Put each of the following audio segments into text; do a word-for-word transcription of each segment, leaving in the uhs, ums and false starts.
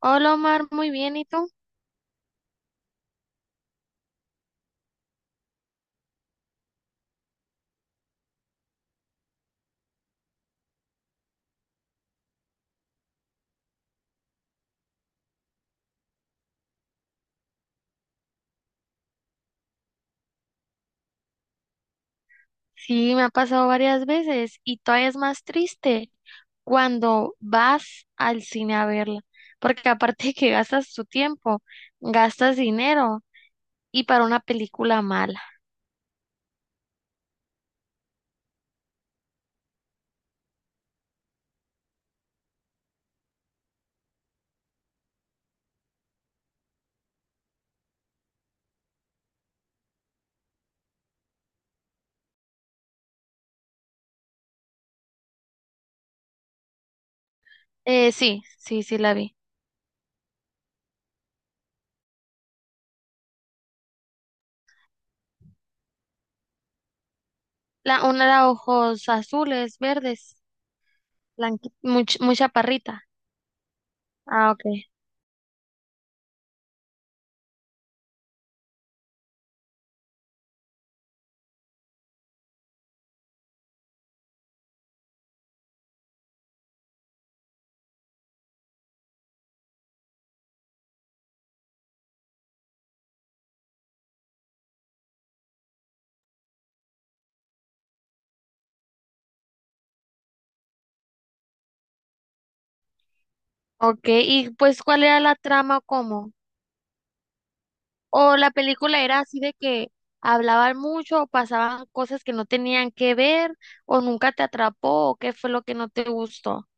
Hola Omar, muy bien, ¿y tú? Sí, me ha pasado varias veces y todavía es más triste cuando vas al cine a verla, porque aparte de que gastas tu tiempo, gastas dinero y para una película mala. Eh, sí, sí, sí la vi. La, una de ojos azules, verdes, blanqui- much- muy, chaparrita. Ah, ok. Ok, y pues ¿cuál era la trama? ¿O cómo? O la película era así de que hablaban mucho, o pasaban cosas que no tenían que ver, o nunca te atrapó, o qué fue lo que no te gustó.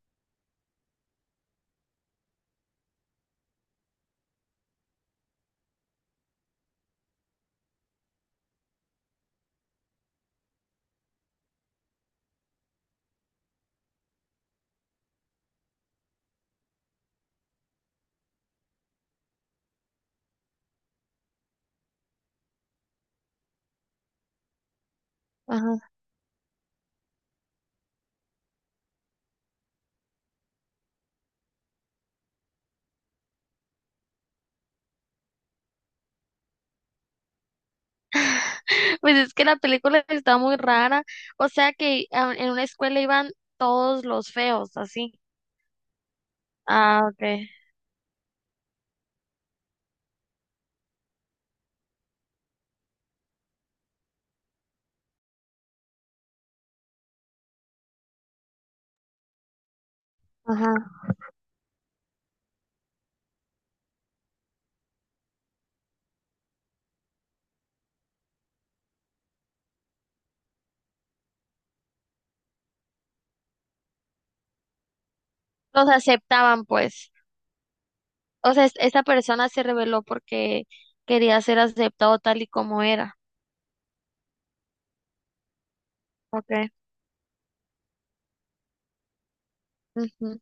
Ajá. Pues es que la película está muy rara. O sea que a- en una escuela iban todos los feos, así. Ah, okay. Ajá. Los aceptaban, pues. O sea, es- esta persona se rebeló porque quería ser aceptado tal y como era. Okay. Ujú.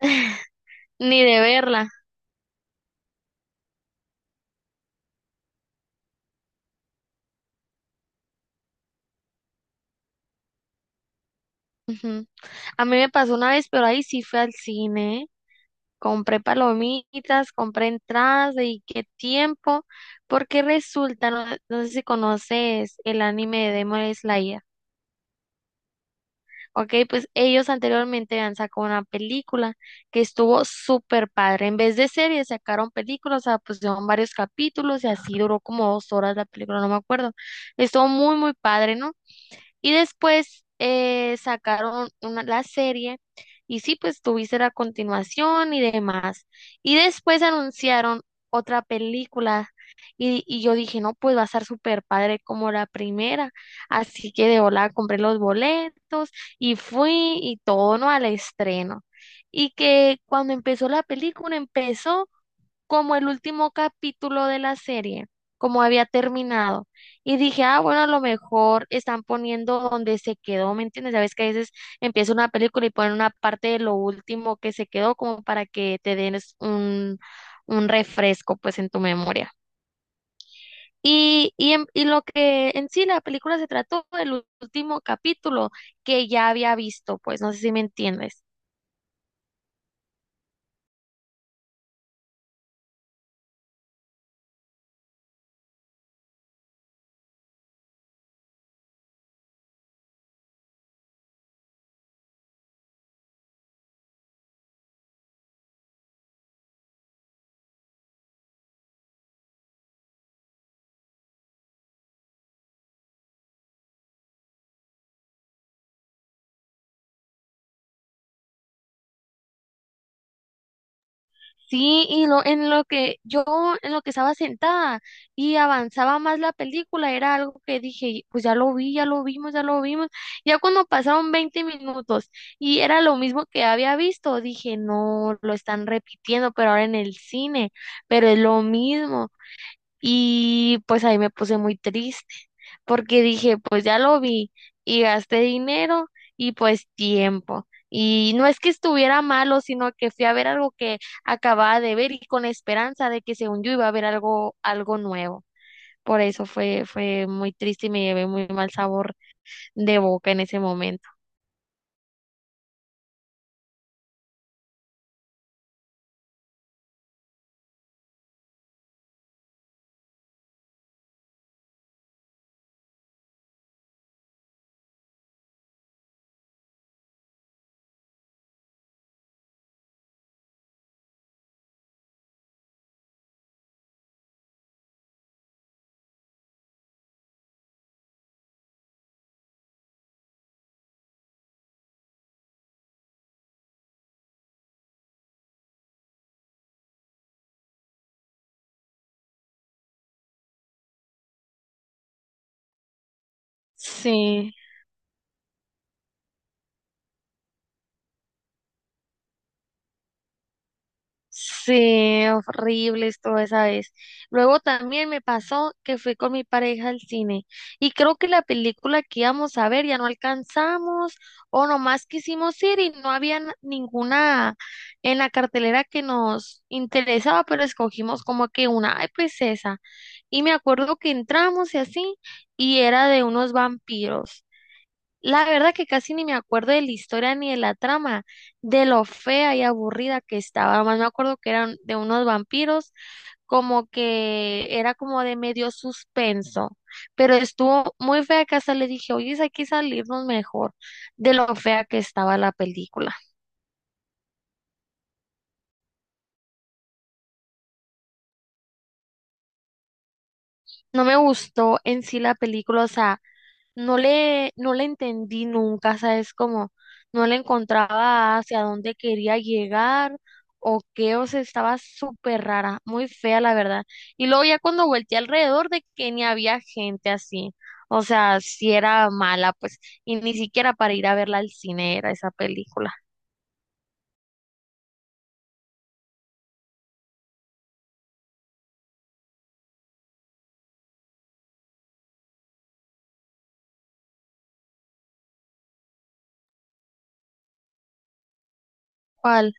Ni de verla. Ujú. A mí me pasó una vez, pero ahí sí fue al cine. Compré palomitas, compré entradas y qué tiempo, porque resulta, no, no sé si conoces el anime de Demon Slayer. Ok, pues ellos anteriormente habían sacado una película que estuvo súper padre. En vez de series, sacaron películas, o sea, pues pusieron varios capítulos y así duró como dos horas la película, no me acuerdo. Estuvo muy, muy padre, ¿no? Y después eh, sacaron una, la serie y sí, pues tuviste la continuación y demás. Y después anunciaron otra película y, y yo dije, no, pues va a estar súper padre como la primera. Así que de hola compré los boletos y fui y todo, ¿no? Al estreno. Y que cuando empezó la película, empezó como el último capítulo de la serie, como había terminado. Y dije, ah, bueno, a lo mejor están poniendo donde se quedó, ¿me entiendes? Sabes que a veces empieza una película y ponen una parte de lo último que se quedó como para que te den un, un refresco pues en tu memoria. Y, y, en- y lo que en sí la película se trató del último capítulo que ya había visto, pues no sé si me entiendes. Sí, y lo, en lo que yo, en lo que estaba sentada y avanzaba más la película, era algo que dije, pues ya lo vi, ya lo vimos, ya lo vimos. Ya cuando pasaron veinte minutos y era lo mismo que había visto, dije, no, lo están repitiendo, pero ahora en el cine, pero es lo mismo. Y pues ahí me puse muy triste porque dije, pues ya lo vi y gasté dinero y pues tiempo. Y no es que estuviera malo, sino que fui a ver algo que acababa de ver y con esperanza de que según yo iba a ver algo, algo nuevo. Por eso fue, fue muy triste y me llevé muy mal sabor de boca en ese momento. Sí. Sí, horribles toda esa vez. Luego también me pasó que fui con mi pareja al cine y creo que la película que íbamos a ver ya no alcanzamos o nomás quisimos ir y no había na- ninguna en la cartelera que nos interesaba, pero escogimos como que una, ay, pues esa. Y me acuerdo que entramos y así y era de unos vampiros. La verdad que casi ni me acuerdo de la historia ni de la trama, de lo fea y aburrida que estaba. Más me acuerdo que eran de unos vampiros, como que era como de medio suspenso, pero estuvo muy fea que hasta le dije, oye, hay que salirnos mejor de lo fea que estaba la película. No me gustó en sí la película, o sea, no le, no le entendí nunca, ¿sabes? Como no le encontraba hacia dónde quería llegar o qué, o sea, estaba súper rara, muy fea, la verdad. Y luego ya cuando volteé alrededor de que ni había gente así, o sea, si era mala, pues, y ni siquiera para ir a verla al cine era esa película. ¿Cuál?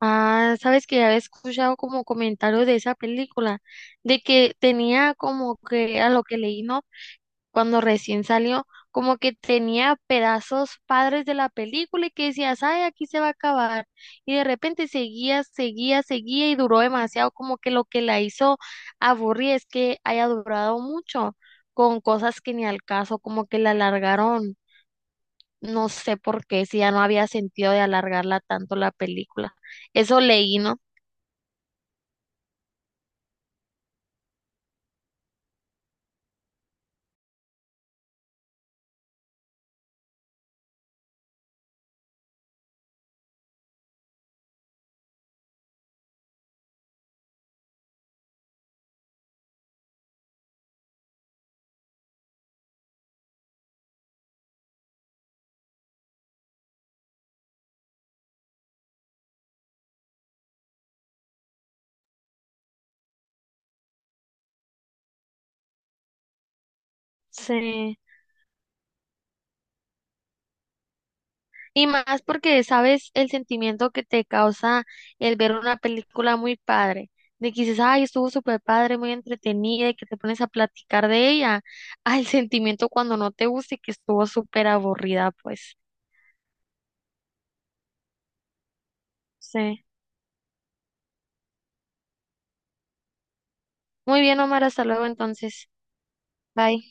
Ah, sabes que ya había escuchado como comentarios de esa película, de que tenía como que a lo que leí, ¿no? Cuando recién salió, como que tenía pedazos padres de la película y que decías, ay, aquí se va a acabar. Y de repente seguía, seguía, seguía y duró demasiado, como que lo que la hizo aburrir es que haya durado mucho con cosas que ni al caso, como que la alargaron. No sé por qué, si ya no había sentido de alargarla tanto la película. Eso leí, ¿no? Sí. Y más porque sabes el sentimiento que te causa el ver una película muy padre, de que dices, ay, estuvo súper padre, muy entretenida, y que te pones a platicar de ella, al sentimiento cuando no te gusta y que estuvo súper aburrida, pues. Sí. Muy bien, Omar, hasta luego entonces. Bye.